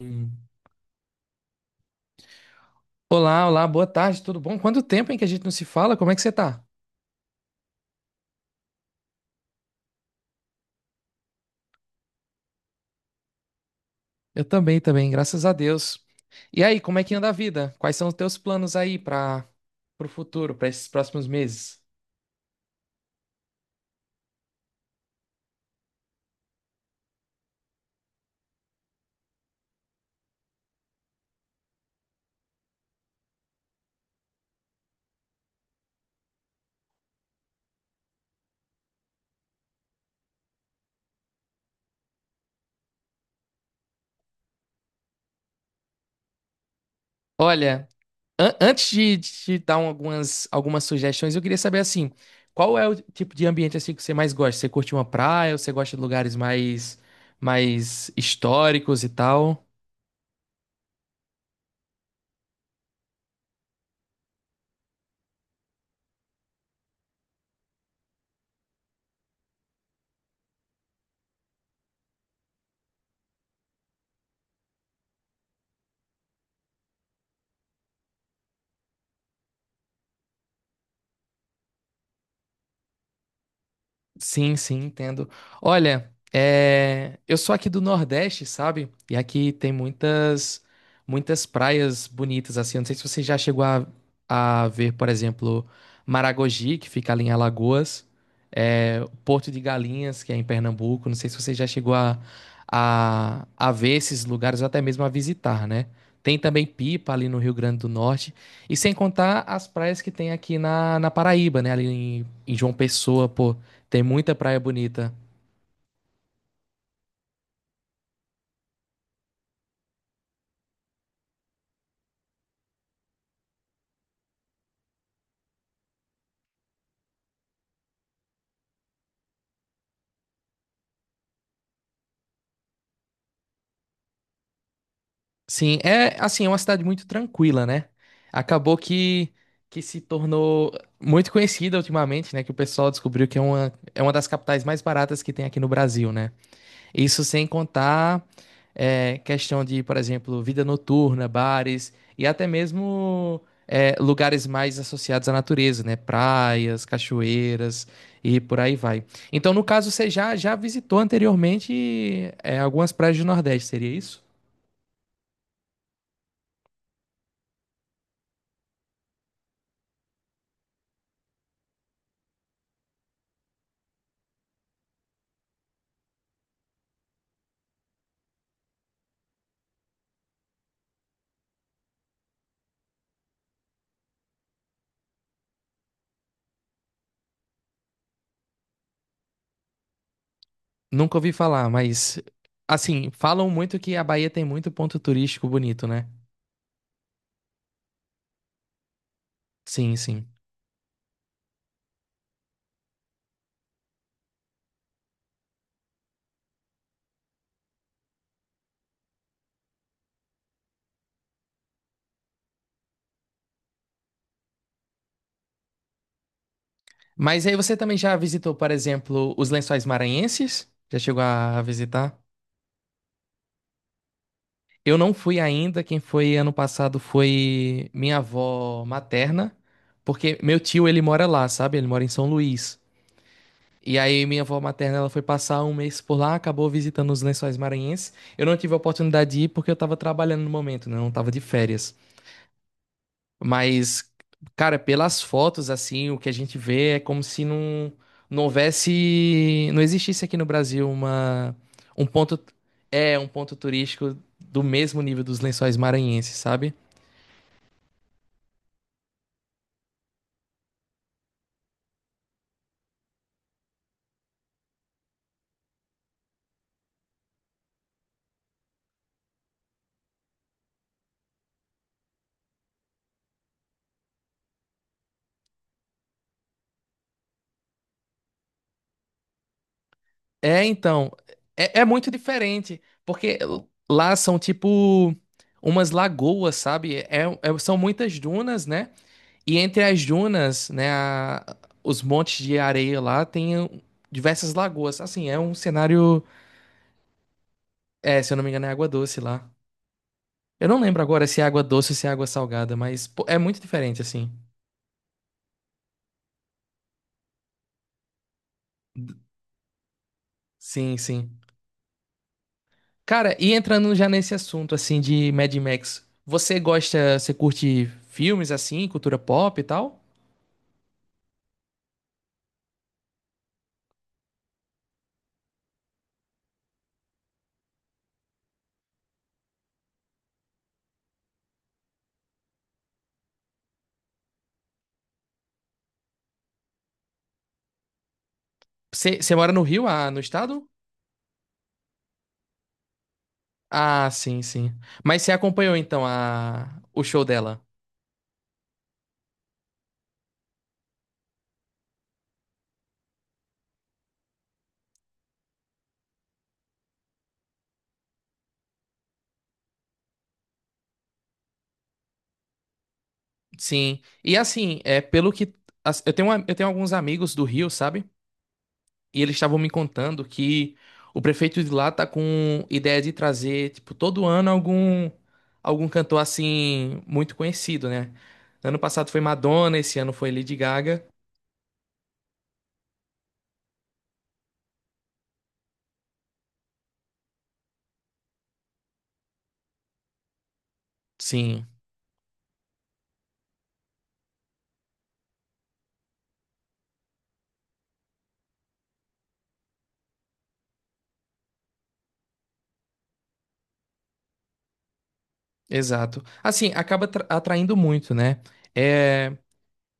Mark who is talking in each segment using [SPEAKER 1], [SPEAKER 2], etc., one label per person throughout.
[SPEAKER 1] Hum. Olá, olá, boa tarde, tudo bom? Quanto tempo, hein, que a gente não se fala? Como é que você tá? Eu também, também, graças a Deus. E aí, como é que anda a vida? Quais são os teus planos aí para o futuro, para esses próximos meses? Olha, antes de te dar algumas, algumas sugestões, eu queria saber assim, qual é o tipo de ambiente assim que você mais gosta? Você curte uma praia ou você gosta de mais históricos e tal? Sim, sim, entendo. Olha, é, eu sou aqui do Nordeste, sabe? E aqui tem muitas praias bonitas, assim. Eu não sei se você já chegou a ver, por exemplo, Maragogi, que fica ali em Alagoas, é, Porto de Galinhas, que é em Pernambuco. Não sei se você já chegou a ver esses lugares ou até mesmo a visitar, né? Tem também Pipa ali no Rio Grande do Norte. E sem contar as praias que tem aqui na Paraíba, né? Ali em João Pessoa, pô. Tem muita praia bonita. Sim, é assim, é uma cidade muito tranquila, né? Acabou que se tornou muito conhecida ultimamente, né? Que o pessoal descobriu que é é uma das capitais mais baratas que tem aqui no Brasil, né? Isso sem contar é, questão de, por exemplo, vida noturna, bares e até mesmo é, lugares mais associados à natureza, né? Praias, cachoeiras e por aí vai. Então, no caso, você já visitou anteriormente é, algumas praias do Nordeste, seria isso? Nunca ouvi falar, mas assim, falam muito que a Bahia tem muito ponto turístico bonito, né? Sim, sim. Mas aí você também já visitou, por exemplo, os Lençóis Maranhenses? Já chegou a visitar? Eu não fui ainda, quem foi ano passado foi minha avó materna, porque meu tio ele mora lá, sabe? Ele mora em São Luís. E aí minha avó materna ela foi passar um mês por lá, acabou visitando os Lençóis Maranhenses. Eu não tive a oportunidade de ir porque eu tava trabalhando no momento, né? Eu não tava de férias. Mas, cara, pelas fotos assim, o que a gente vê é como se não houvesse, não existisse aqui no Brasil uma um ponto é um ponto turístico do mesmo nível dos Lençóis Maranhenses, sabe? É, então, é muito diferente, porque lá são tipo umas lagoas, sabe? É, são muitas dunas, né? E entre as dunas, né, os montes de areia lá tem diversas lagoas. Assim, é um cenário, é, se eu não me engano, é água doce lá. Eu não lembro agora se é água doce ou se é água salgada, mas pô, é muito diferente, assim. Sim, sim. Cara, e entrando já nesse assunto, assim, de Mad Max, você gosta, você curte filmes, assim, cultura pop e tal? Você mora no Rio, ah, no estado? Ah, sim, sim. Mas você acompanhou então a o show dela? Sim. E assim, é pelo que eu tenho eu tenho alguns amigos do Rio, sabe? E eles estavam me contando que o prefeito de lá tá com ideia de trazer, tipo, todo ano algum cantor assim muito conhecido, né? Ano passado foi Madonna, esse ano foi Lady Gaga. Sim, exato. Assim, acaba atraindo muito, né? É.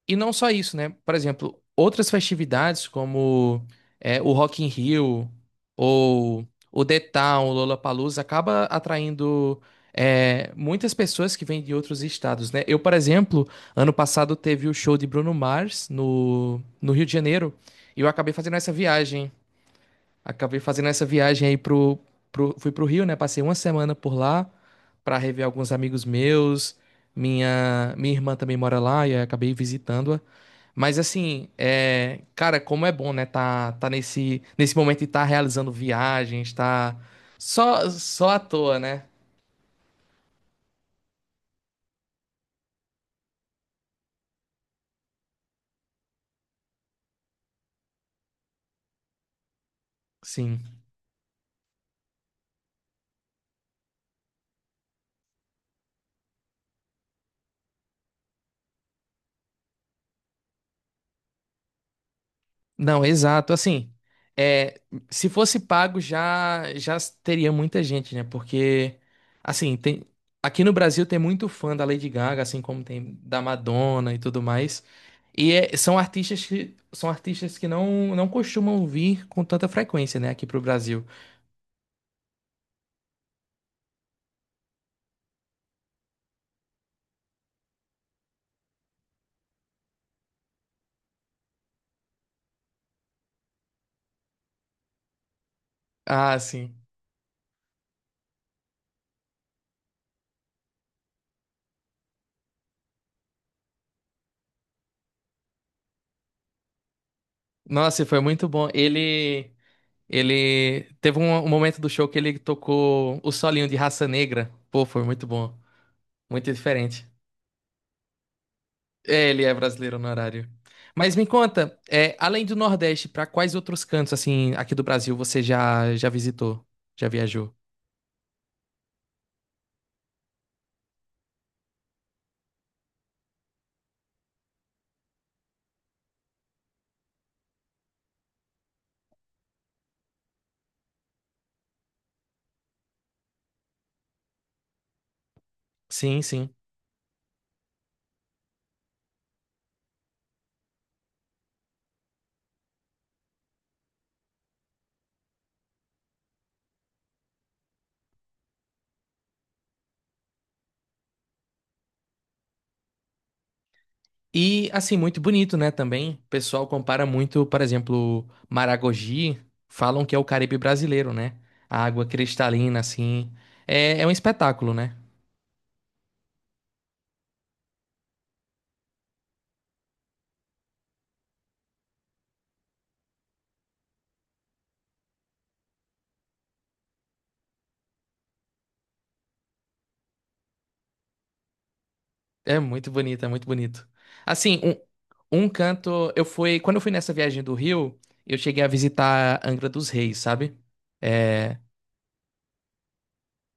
[SPEAKER 1] E não só isso, né? Por exemplo, outras festividades como é, o Rock in Rio ou o The Town, o Lollapalooza, acaba atraindo é, muitas pessoas que vêm de outros estados, né? Eu, por exemplo, ano passado teve o show de Bruno Mars no Rio de Janeiro e eu acabei fazendo essa viagem. Acabei fazendo essa viagem fui pro Rio, né? Passei uma semana por lá para rever alguns amigos meus. Minha irmã também mora lá e aí acabei visitando-a. Mas assim, é, cara, como é bom, né? Tá nesse momento de estar realizando viagens, tá só à toa, né? Sim. Não, exato. Assim, é, se fosse pago já teria muita gente, né? Porque assim, tem aqui no Brasil tem muito fã da Lady Gaga, assim como tem da Madonna e tudo mais. E são artistas que não costumam vir com tanta frequência, né, aqui pro Brasil. Ah, sim. Nossa, e foi muito bom. Ele teve um momento do show que ele tocou o solinho de Raça Negra. Pô, foi muito bom, muito diferente. É, ele é brasileiro no horário. Mas me conta, é, além do Nordeste, para quais outros cantos assim aqui do Brasil você já visitou? Já viajou? Sim, sim. E assim, muito bonito, né, também. O pessoal compara muito, por exemplo, Maragogi, falam que é o Caribe brasileiro, né? A água cristalina assim. É, é um espetáculo, né? É muito bonito, é muito bonito. Assim, um canto, eu fui, quando eu fui nessa viagem do Rio, eu cheguei a visitar Angra dos Reis, sabe? É,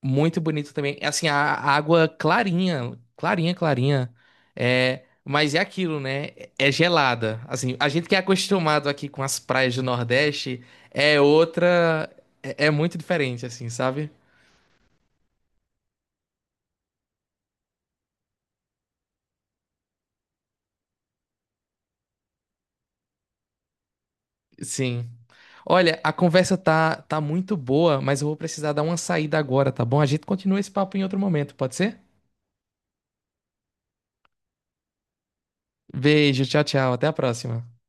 [SPEAKER 1] muito bonito também. É, assim, a água clarinha, clarinha, clarinha. É, mas é aquilo, né? É gelada. Assim, a gente que é acostumado aqui com as praias do Nordeste é é, é muito diferente, assim, sabe? Sim. Olha, a conversa tá muito boa, mas eu vou precisar dar uma saída agora, tá bom? A gente continua esse papo em outro momento, pode ser? Beijo, tchau, tchau, até a próxima.